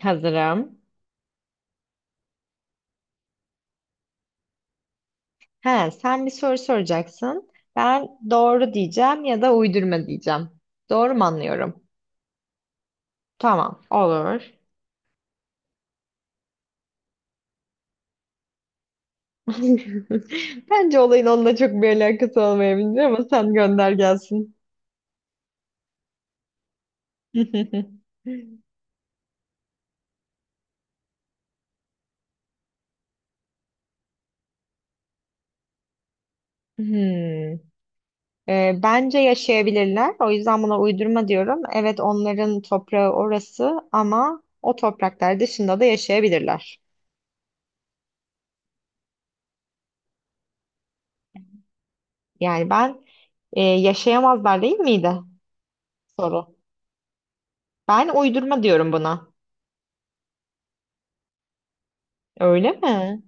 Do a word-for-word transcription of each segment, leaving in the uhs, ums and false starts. Hazırım. He, sen bir soru soracaksın. Ben doğru diyeceğim ya da uydurma diyeceğim. Doğru mu anlıyorum? Tamam, olur. Bence olayın onunla çok bir alakası olmayabilir ama sen gönder gelsin. Hmm. Ee, bence yaşayabilirler. O yüzden buna uydurma diyorum. Evet, onların toprağı orası ama o topraklar dışında da yaşayabilirler. Yani ben e, yaşayamazlar değil miydi? Soru. Ben uydurma diyorum buna. Öyle mi?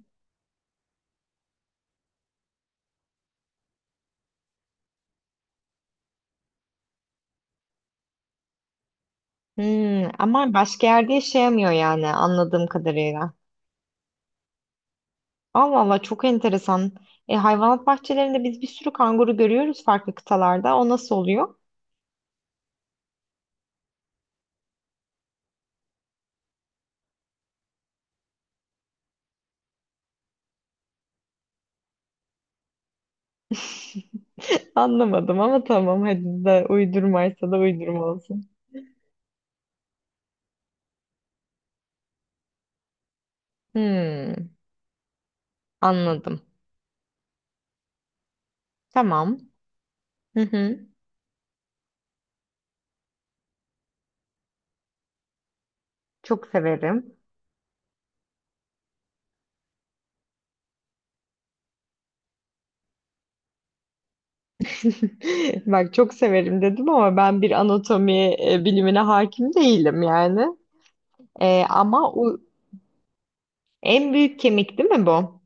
Hmm, ama başka yerde yaşayamıyor yani anladığım kadarıyla. Allah Allah, çok enteresan. E, hayvanat bahçelerinde biz bir sürü kanguru görüyoruz farklı kıtalarda. O nasıl oluyor? Anlamadım ama tamam, hadi de, uydurmaysa da uydurma olsun. Hmm, anladım. Tamam. Hı hı. Çok severim. Bak, çok severim dedim ama ben bir anatomi e, bilimine hakim değilim yani. E, ama u- En büyük kemik değil mi bu?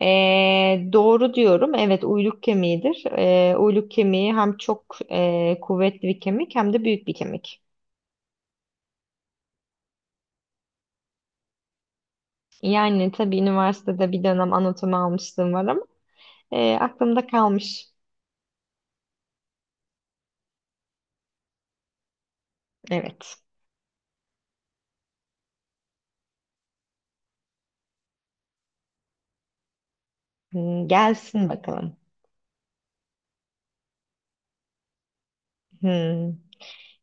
Ee, doğru diyorum. Evet, uyluk kemiğidir. Ee, uyluk kemiği hem çok e, kuvvetli bir kemik hem de büyük bir kemik. Yani tabii üniversitede bir dönem anatomi almıştım var ama e, aklımda kalmış. Evet. Hmm, gelsin bakalım. Hmm.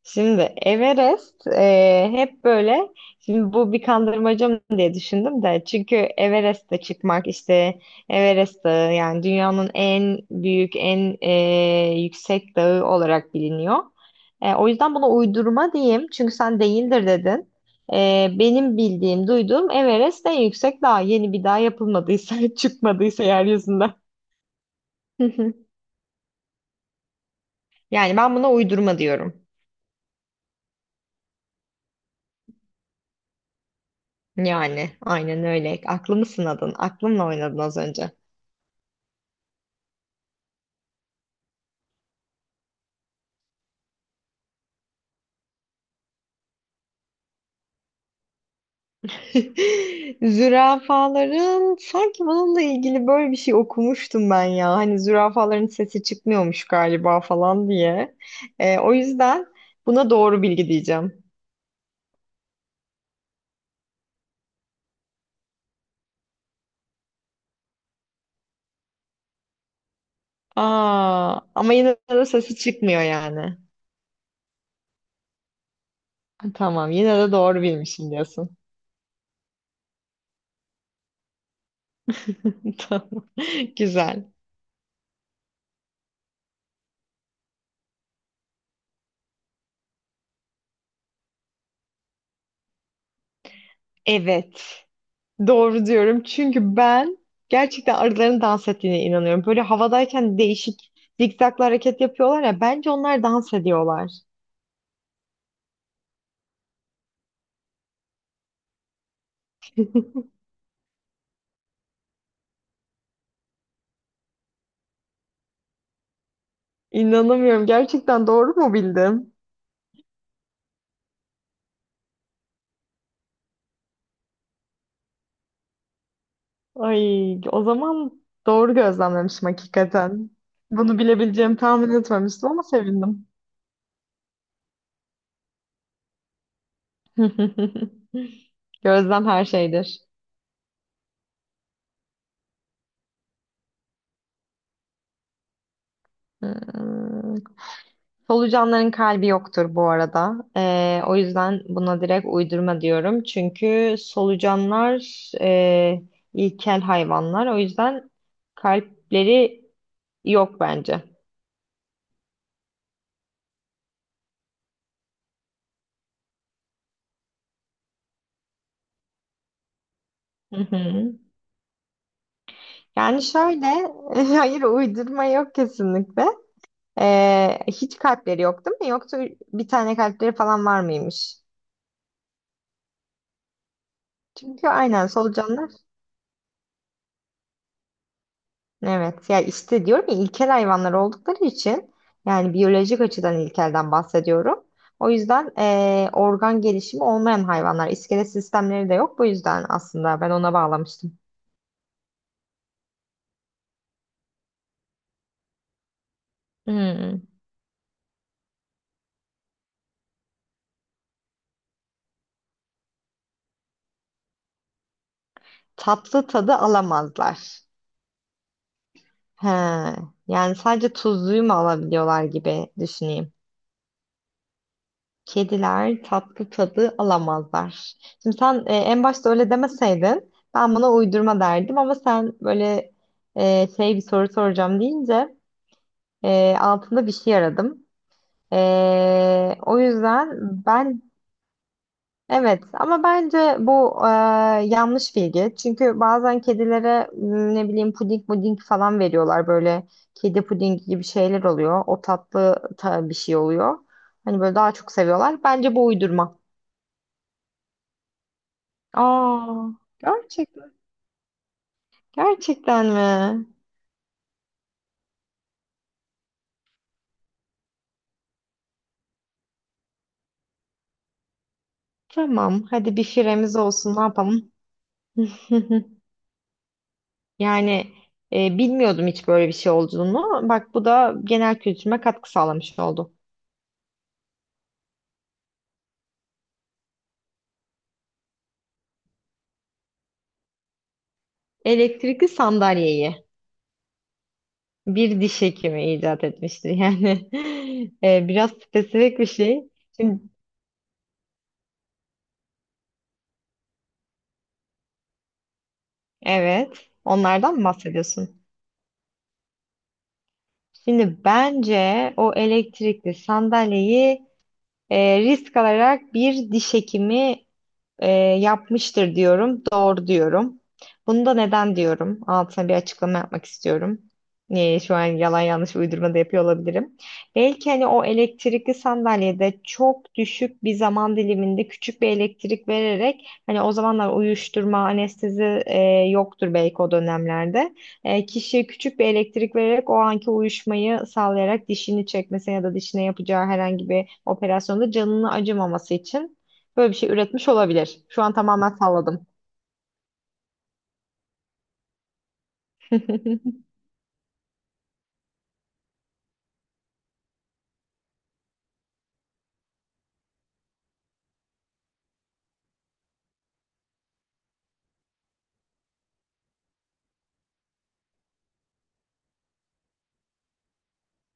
Şimdi Everest e, hep böyle, şimdi bu bir kandırmaca mı diye düşündüm de çünkü Everest'e çıkmak işte, Everest Dağı yani dünyanın en büyük, en e, yüksek dağı olarak biliniyor. E, o yüzden buna uydurma diyeyim çünkü sen değildir dedin. E, benim bildiğim, duyduğum Everest en yüksek dağ, yeni bir dağ yapılmadıysa çıkmadıysa yeryüzünde. Yani ben buna uydurma diyorum. Yani aynen öyle. Aklımı sınadın. Aklımla oynadın az önce. Zürafaların sanki bununla ilgili böyle bir şey okumuştum ben ya. Hani zürafaların sesi çıkmıyormuş galiba falan diye. Ee, o yüzden buna doğru bilgi diyeceğim. Aa, ama yine de sesi çıkmıyor yani. Tamam, yine de doğru bilmişim diyorsun. Tamam. Güzel. Evet. Doğru diyorum. Çünkü ben gerçekten arıların dans ettiğine inanıyorum. Böyle havadayken değişik zikzaklı hareket yapıyorlar ya. Bence onlar dans ediyorlar. İnanamıyorum. Gerçekten doğru mu bildim? Ay, o zaman doğru gözlemlemişim hakikaten. Bunu bilebileceğimi tahmin etmemiştim ama sevindim. Gözlem her şeydir. Hmm. Solucanların kalbi yoktur bu arada. Ee, o yüzden buna direkt uydurma diyorum. Çünkü solucanlar e, ilkel hayvanlar. O yüzden kalpleri yok bence. Hı hı. Yani şöyle, hayır, uydurma yok kesinlikle. Ee, hiç kalpleri yok değil mi? Yoksa bir tane kalpleri falan var mıymış? Çünkü aynen solucanlar. Evet ya, işte diyorum ya, ilkel hayvanlar oldukları için, yani biyolojik açıdan ilkelden bahsediyorum. O yüzden eee, organ gelişimi olmayan hayvanlar, iskelet sistemleri de yok, bu yüzden aslında ben ona bağlamıştım. Hmm. Tatlı tadı alamazlar. He. Yani sadece tuzluyu mu alabiliyorlar gibi düşüneyim. Kediler tatlı tadı alamazlar. Şimdi sen e, en başta öyle demeseydin ben buna uydurma derdim ama sen böyle e, şey, bir soru soracağım deyince, E, altında bir şey aradım. E, o yüzden ben, evet ama bence bu e, yanlış bilgi. Çünkü bazen kedilere m, ne bileyim, puding puding falan veriyorlar böyle, kedi pudingi gibi şeyler oluyor. O tatlı ta- bir şey oluyor. Hani böyle daha çok seviyorlar. Bence bu uydurma. Aa, gerçekten. Gerçekten mi? Tamam. Hadi bir firemiz olsun. Ne yapalım? Yani e, bilmiyordum hiç böyle bir şey olduğunu. Bak, bu da genel kültürüme katkı sağlamış oldu. Elektrikli sandalyeyi bir diş hekimi icat etmiştir. Yani e, biraz spesifik bir şey. Şimdi evet, onlardan mı bahsediyorsun? Şimdi bence o elektrikli sandalyeyi e, risk alarak bir diş hekimi, Ee, yapmıştır diyorum. Doğru diyorum. Bunu da neden diyorum? Altına bir açıklama yapmak istiyorum. Ee, şu an yalan yanlış uydurma da yapıyor olabilirim. Belki hani o elektrikli sandalyede çok düşük bir zaman diliminde küçük bir elektrik vererek, hani o zamanlar uyuşturma, anestezi e, yoktur belki o dönemlerde. E, kişiye küçük bir elektrik vererek o anki uyuşmayı sağlayarak dişini çekmesine ya da dişine yapacağı herhangi bir operasyonda canını acımaması için böyle bir şey üretmiş olabilir. Şu an tamamen salladım.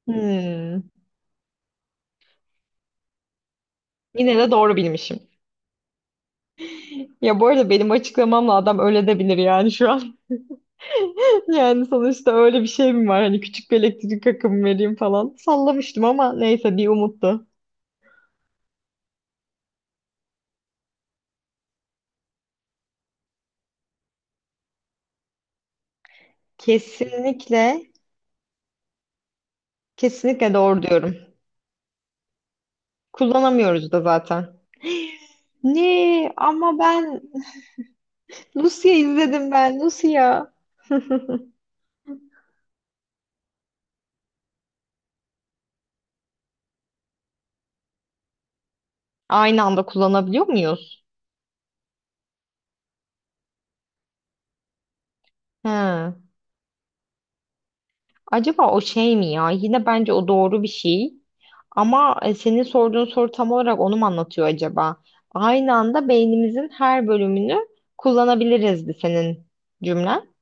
Hmm. Yine de doğru bilmişim. Ya bu arada benim açıklamamla adam öyle de bilir yani şu an. Yani sonuçta öyle bir şey mi var? Hani küçük bir elektrik akımı vereyim falan. Sallamıştım ama neyse, bir umuttu. Kesinlikle, kesinlikle doğru diyorum. Kullanamıyoruz da zaten. Ne? Ama ben Lucia izledim ben. Lucia. Aynı anda kullanabiliyor muyuz? He. Acaba o şey mi ya? Yine bence o doğru bir şey. Ama e, senin sorduğun soru tam olarak onu mu anlatıyor acaba? Aynı anda beynimizin her bölümünü kullanabiliriz de, senin cümlen.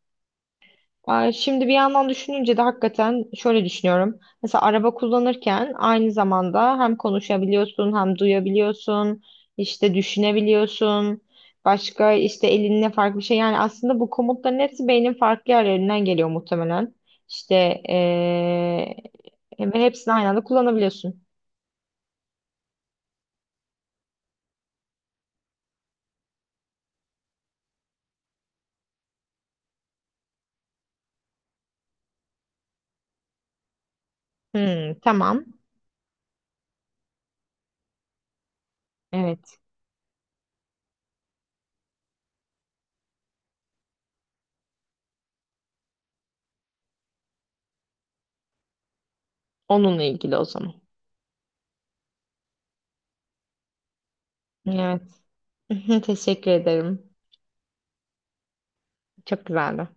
Ee, Şimdi bir yandan düşününce de hakikaten şöyle düşünüyorum. Mesela araba kullanırken aynı zamanda hem konuşabiliyorsun hem duyabiliyorsun, işte düşünebiliyorsun. Başka işte elinle farklı bir şey. Yani aslında bu komutların hepsi beynin farklı yerlerinden geliyor muhtemelen. İşte ee, ve hepsini aynı anda kullanabiliyorsun. Hmm, tamam. Evet. Onunla ilgili o zaman. Evet. Teşekkür ederim. Çok güzeldi.